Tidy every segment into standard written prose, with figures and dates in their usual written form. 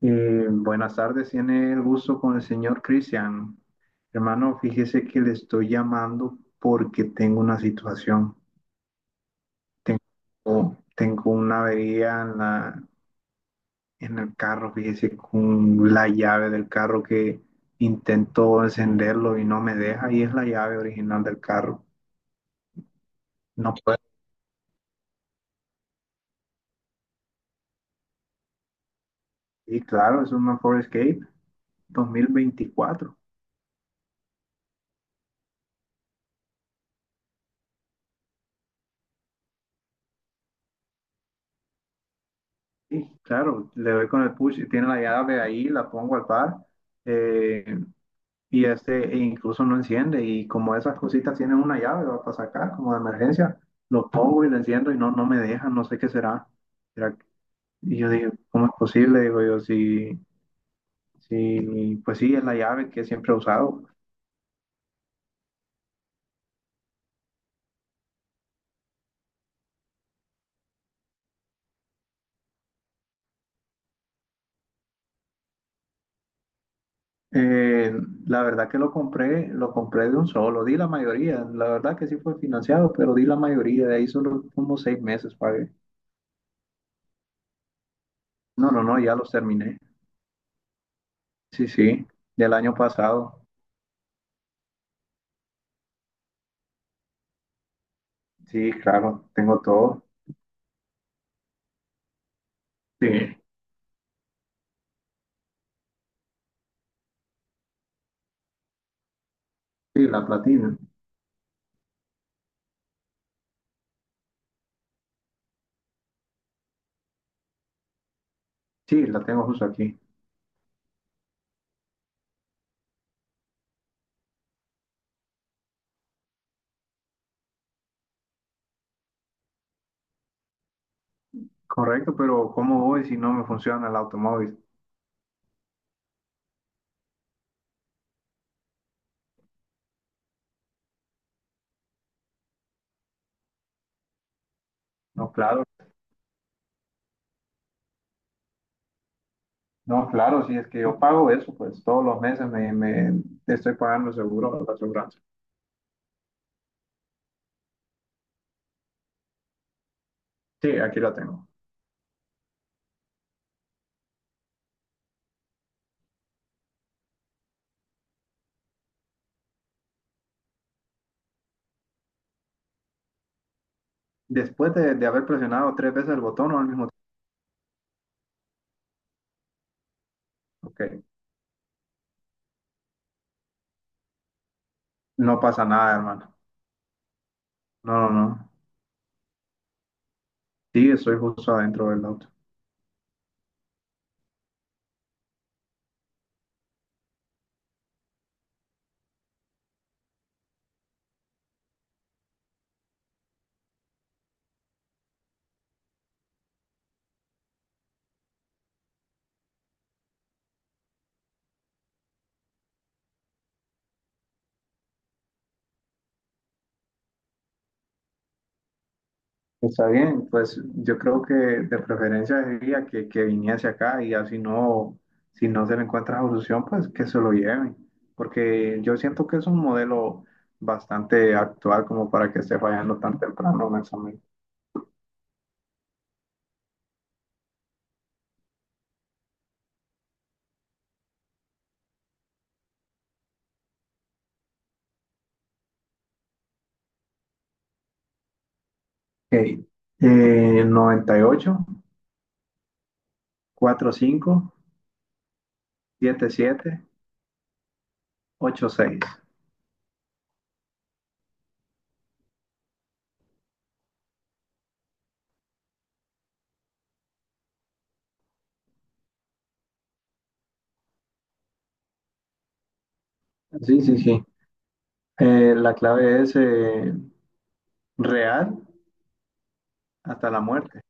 Buenas tardes, tiene el gusto con el señor Cristian. Hermano, fíjese que le estoy llamando porque tengo una situación. Tengo una avería en la, en el carro, fíjese, con la llave del carro que intento encenderlo y no me deja, y es la llave original del carro. No puedo. Y claro, es una Ford Escape 2024. Sí, claro, le doy con el push, tiene la llave ahí, la pongo al par. Eh, y este e incluso no enciende y como esas cositas tienen una llave va para sacar como de emergencia, lo pongo y lo enciendo y no, no me deja, no sé qué será. Será que- Y yo digo, ¿cómo es posible? Digo yo, si, si, pues sí, es la llave que siempre he usado. Eh, la verdad que lo compré de un solo, di la mayoría, la verdad que sí fue financiado, pero di la mayoría, de ahí solo como 6 meses pagué. No, no, no, ya los terminé. Sí, sí, del año pasado. Sí, claro, tengo todo. Sí. Sí, la platina. Sí, la tengo justo aquí. Correcto, pero ¿cómo voy si no me funciona el automóvil? No, claro. No, claro, si es que yo pago eso, pues todos los meses me estoy pagando seguro la aseguranza. Sí, aquí la tengo. Después de haber presionado 3 veces el botón o al mismo tiempo, ok, no pasa nada, hermano. No, no, no. Sí, estoy justo adentro del auto. Está bien, pues yo creo que de preferencia sería que viniese acá y así no, si no se le encuentra solución, pues que se lo lleven, porque yo siento que es un modelo bastante actual como para que esté fallando tan temprano un examen. Ok, 98, cuarenta y cinco, setenta y siete, 45, 77, seis. Sí, sí, sí. La clave es real hasta la muerte.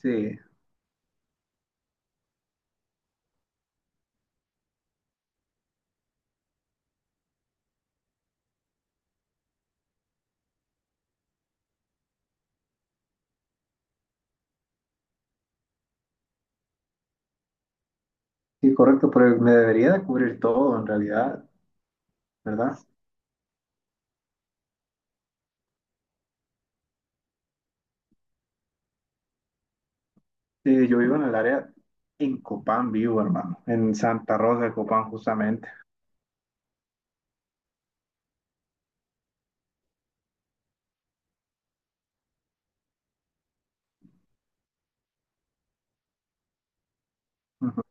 Sí, sí, correcto, pero me debería de cubrir todo en realidad. ¿Verdad? Y yo vivo en el área, en Copán vivo, hermano, en Santa Rosa de Copán justamente. Ujú.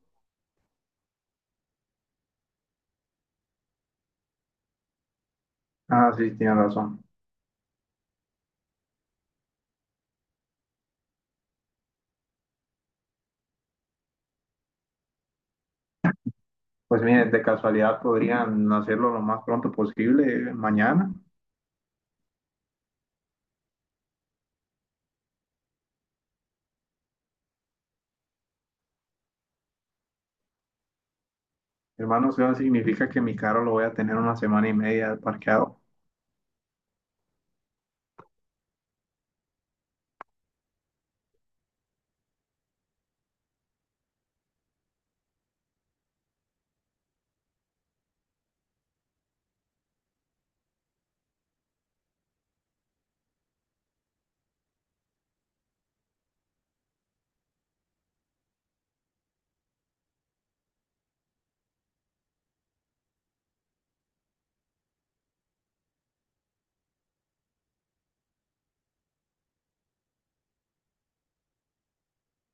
Ah, sí, tienen razón. Pues miren, de casualidad podrían hacerlo lo más pronto posible, mañana. Hermano, eso significa que mi carro lo voy a tener una semana y media parqueado.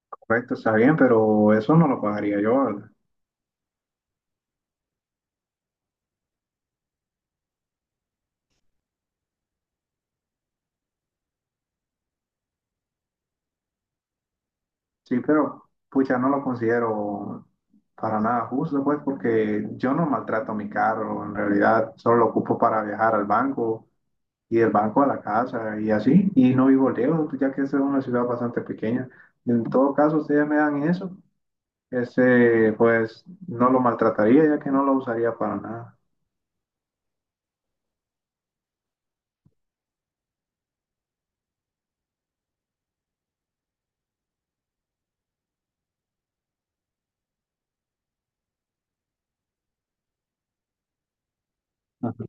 Correcto, está bien, pero eso no lo pagaría yo, ¿verdad? Sí, pero pucha, no lo considero para nada justo, pues, porque yo no maltrato mi carro, en realidad solo lo ocupo para viajar al banco y del banco a la casa y así, y no vivo lejos, ya que esa es una ciudad bastante pequeña. En todo caso, ustedes me dan eso, ese, pues no lo maltrataría, ya que no lo usaría para nada. Ajá.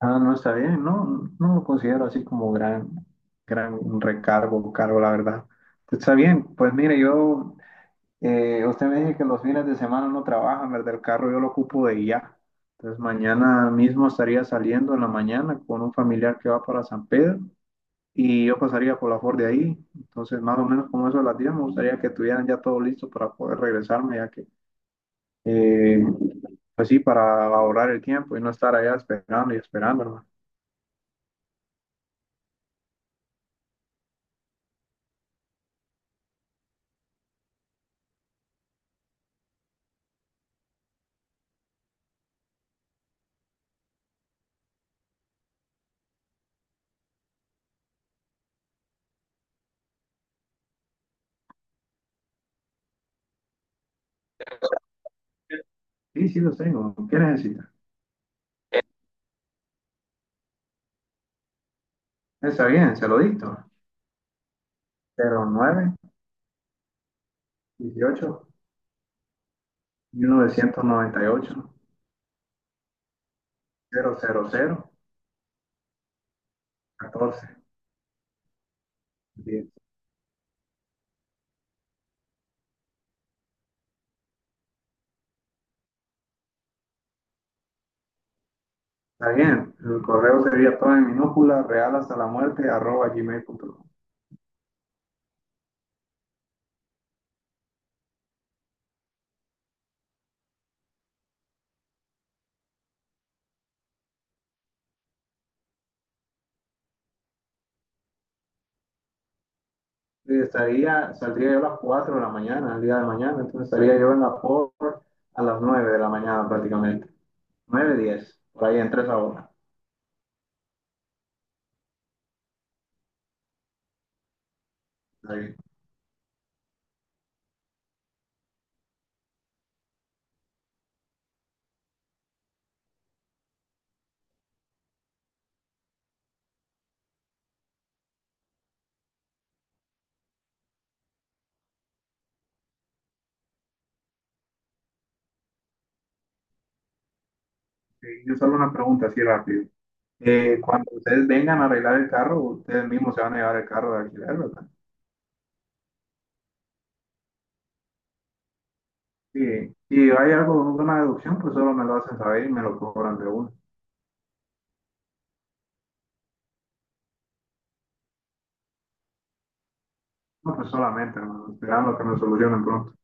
Ah, no, está bien, no, no lo considero así como gran, gran recargo o cargo, la verdad. Está bien, pues mire, yo, usted me dice que los fines de semana no trabajan, ¿verdad? El carro yo lo ocupo de ya. Entonces mañana mismo estaría saliendo en la mañana con un familiar que va para San Pedro y yo pasaría por la Ford de ahí. Entonces, más o menos como eso a las 10, me gustaría que tuvieran ya todo listo para poder regresarme, ya que, eh, pues sí, para ahorrar el tiempo y no estar allá esperando y esperando, hermano. Sí, sí, los tengo. ¿Qué necesitas? Está bien, se lo dicto. 09, 18, 1998, 000, 14. 10. Está bien, el correo sería todo en minúscula, real hasta la muerte, arroba gmail.com. Y estaría, saldría yo a las 4 de la mañana, el día de mañana, entonces estaría yo en la por a las 9 de la mañana prácticamente. 9:10 por ahí, entre 3 horas. Está bien. Yo solo una pregunta así rápido. Cuando ustedes vengan a arreglar el carro, ustedes mismos se van a llevar el carro de alquiler, ¿verdad? Sí. Si hay algo, una deducción, pues solo me lo hacen saber y me lo cobran de uno. No, pues solamente, hermano, esperando que me solucionen pronto.